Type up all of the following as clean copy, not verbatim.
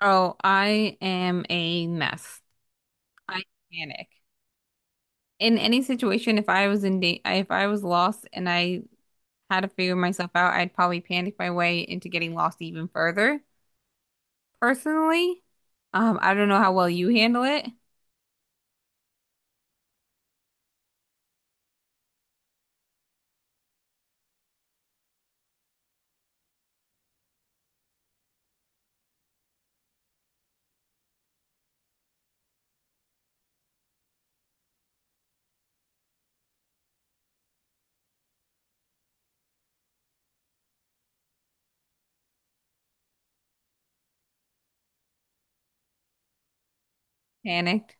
Oh, I am a mess. I panic. In any situation, if I was in da if I was lost and I had to figure myself out, I'd probably panic my way into getting lost even further. Personally, I don't know how well you handle it. Panicked.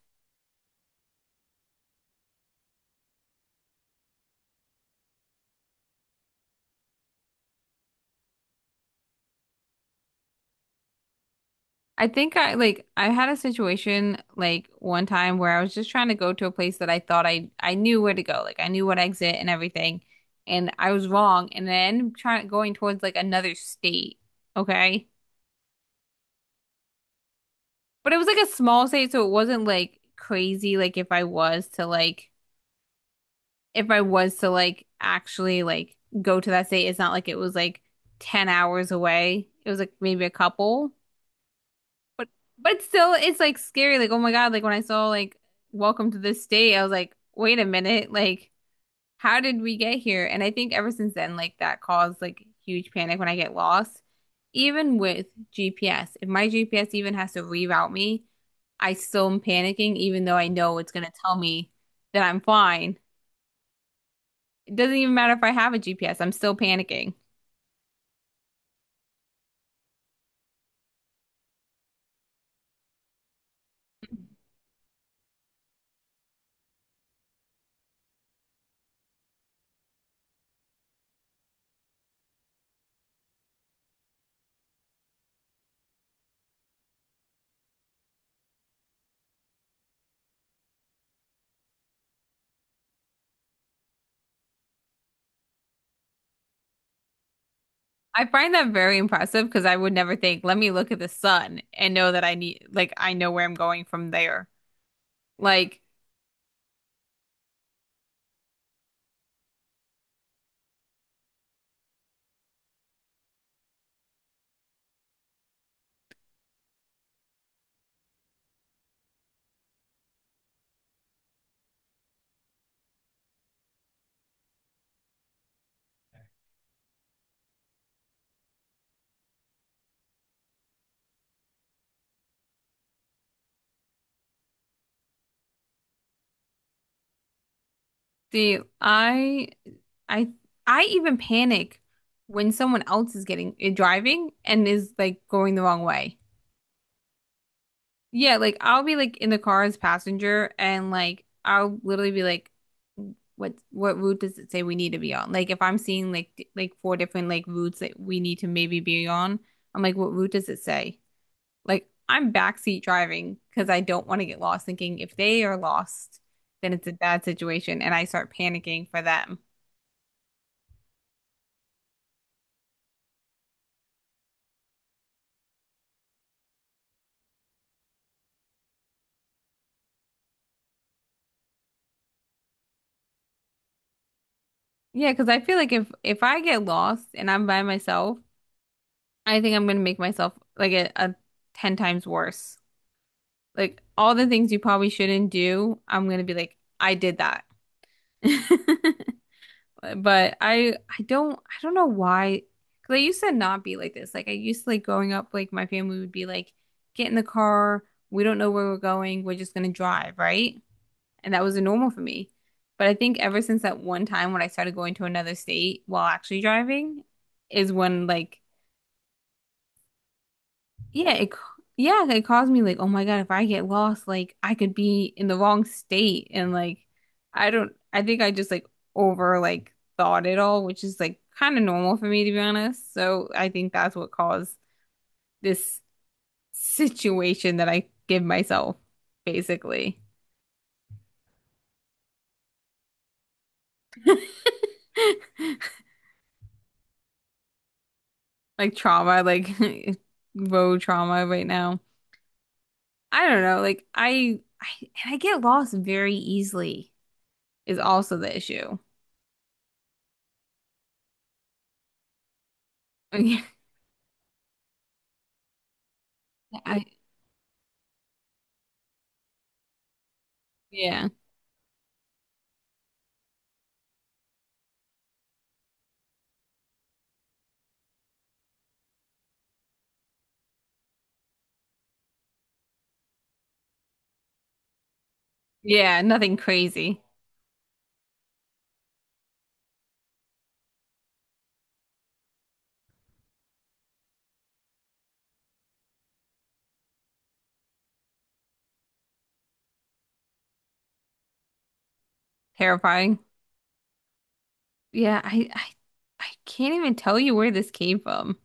I think I had a situation like one time where I was just trying to go to a place that I thought I knew where to go. Like I knew what exit and everything, and I was wrong, and then trying going towards like another state. Okay. But it was like a small state, so it wasn't like crazy. Like if I was to like, If I was to like actually like go to that state, it's not like it was like 10 hours away. It was like maybe a couple, but but still, it's like scary. Like, oh my God, like when I saw like Welcome to this state, I was like, wait a minute, like how did we get here? And I think ever since then, like that caused like huge panic when I get lost. Even with GPS, if my GPS even has to reroute me, I still am panicking, even though I know it's going to tell me that I'm fine. It doesn't even matter if I have a GPS, I'm still panicking. I find that very impressive because I would never think, let me look at the sun and know that I need, like, I know where I'm going from there. Like, see, I, I even panic when someone else is getting driving and is like going the wrong way. Yeah, like I'll be like in the car as passenger, and like I'll literally be like, what route does it say we need to be on? Like if I'm seeing like like four different like routes that we need to maybe be on, I'm like, what route does it say? Like I'm backseat driving because I don't want to get lost thinking if they are lost, then it's a bad situation and I start panicking for them. Yeah, because I feel like if I get lost and I'm by myself, I think I'm gonna make myself like a 10 times worse. Like all the things you probably shouldn't do, I'm gonna be like, I did that. But I don't know why. 'Cause I used to not be like this. Like I used to like growing up, like my family would be like, get in the car, we don't know where we're going, we're just gonna drive, right? And that was the normal for me. But I think ever since that one time when I started going to another state while actually driving is when like yeah, it, ca- yeah, it caused me like, oh my God, if I get lost, like I could be in the wrong state and like I don't I think I just like over like thought it all, which is like kind of normal for me to be honest. So I think that's what caused this situation that I give myself, basically. Like trauma, like road trauma right now. I don't know, like I and I get lost very easily is also the issue. I, yeah. Yeah, nothing crazy. Terrifying. Yeah, I I can't even tell you where this came from,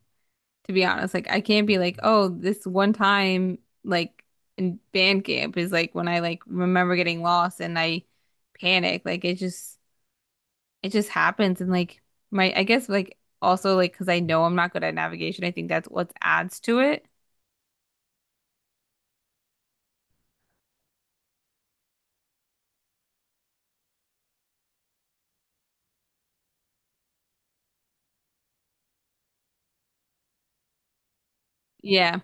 to be honest. Like I can't be like, oh, this one time like in band camp is like when I like remember getting lost and I panic. Like it just happens and like my I guess like also like because I know I'm not good at navigation, I think that's what adds to it. Yeah.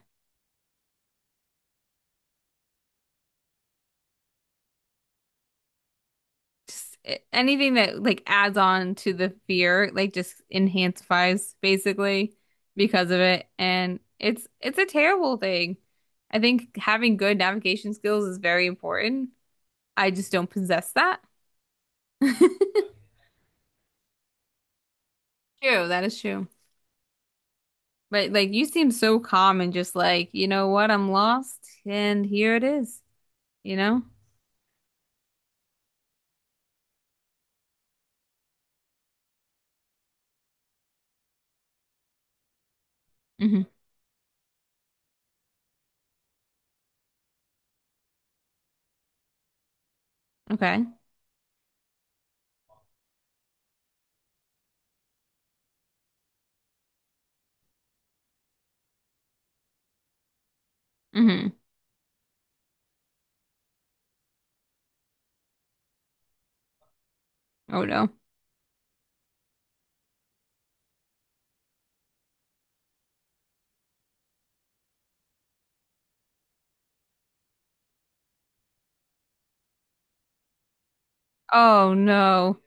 Just anything that like adds on to the fear, like just enhances basically because of it. And it's a terrible thing. I think having good navigation skills is very important. I just don't possess that. True, that is true. But like you seem so calm and just like, you know what, I'm lost and here it is, you know? Hmm. Okay. Hmm. Oh no. Oh no.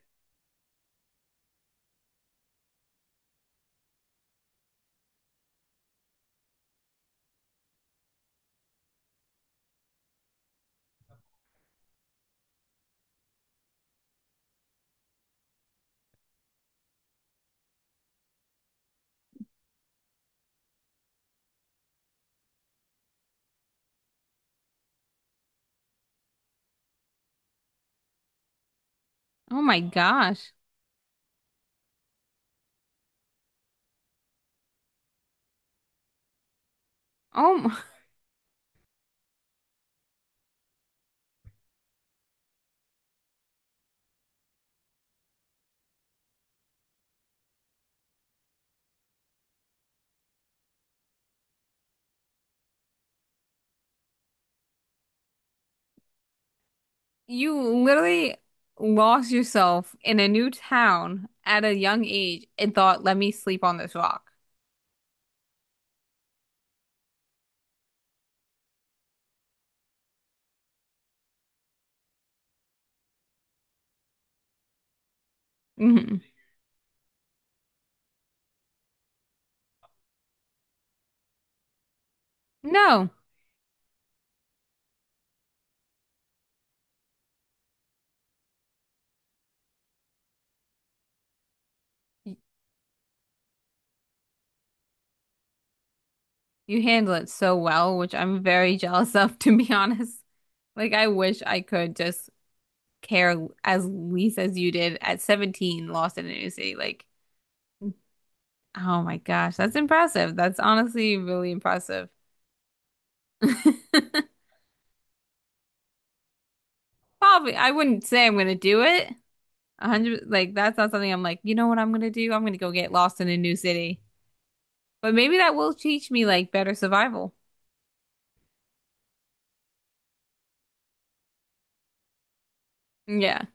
Oh my gosh. Oh, you literally lost yourself in a new town at a young age and thought, let me sleep on this rock. Hmm. No, Y- you handle it so well, which I'm very jealous of, to be honest. Like, I wish I could just care as least as you did at 17, lost in a new city. Like, oh my gosh, that's impressive. That's honestly really impressive. Probably, I wouldn't say I'm gonna do it, a hundred, like that's not something I'm like, you know what I'm gonna do? I'm gonna go get lost in a new city. But maybe that will teach me like better survival. Yeah.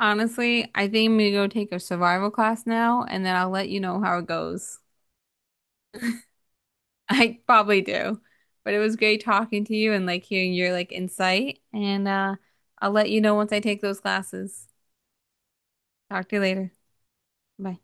Honestly, I think I'm gonna go take a survival class now and then I'll let you know how it goes. I probably do. But it was great talking to you and like hearing your like insight. And I'll let you know once I take those classes. Talk to you later. Bye.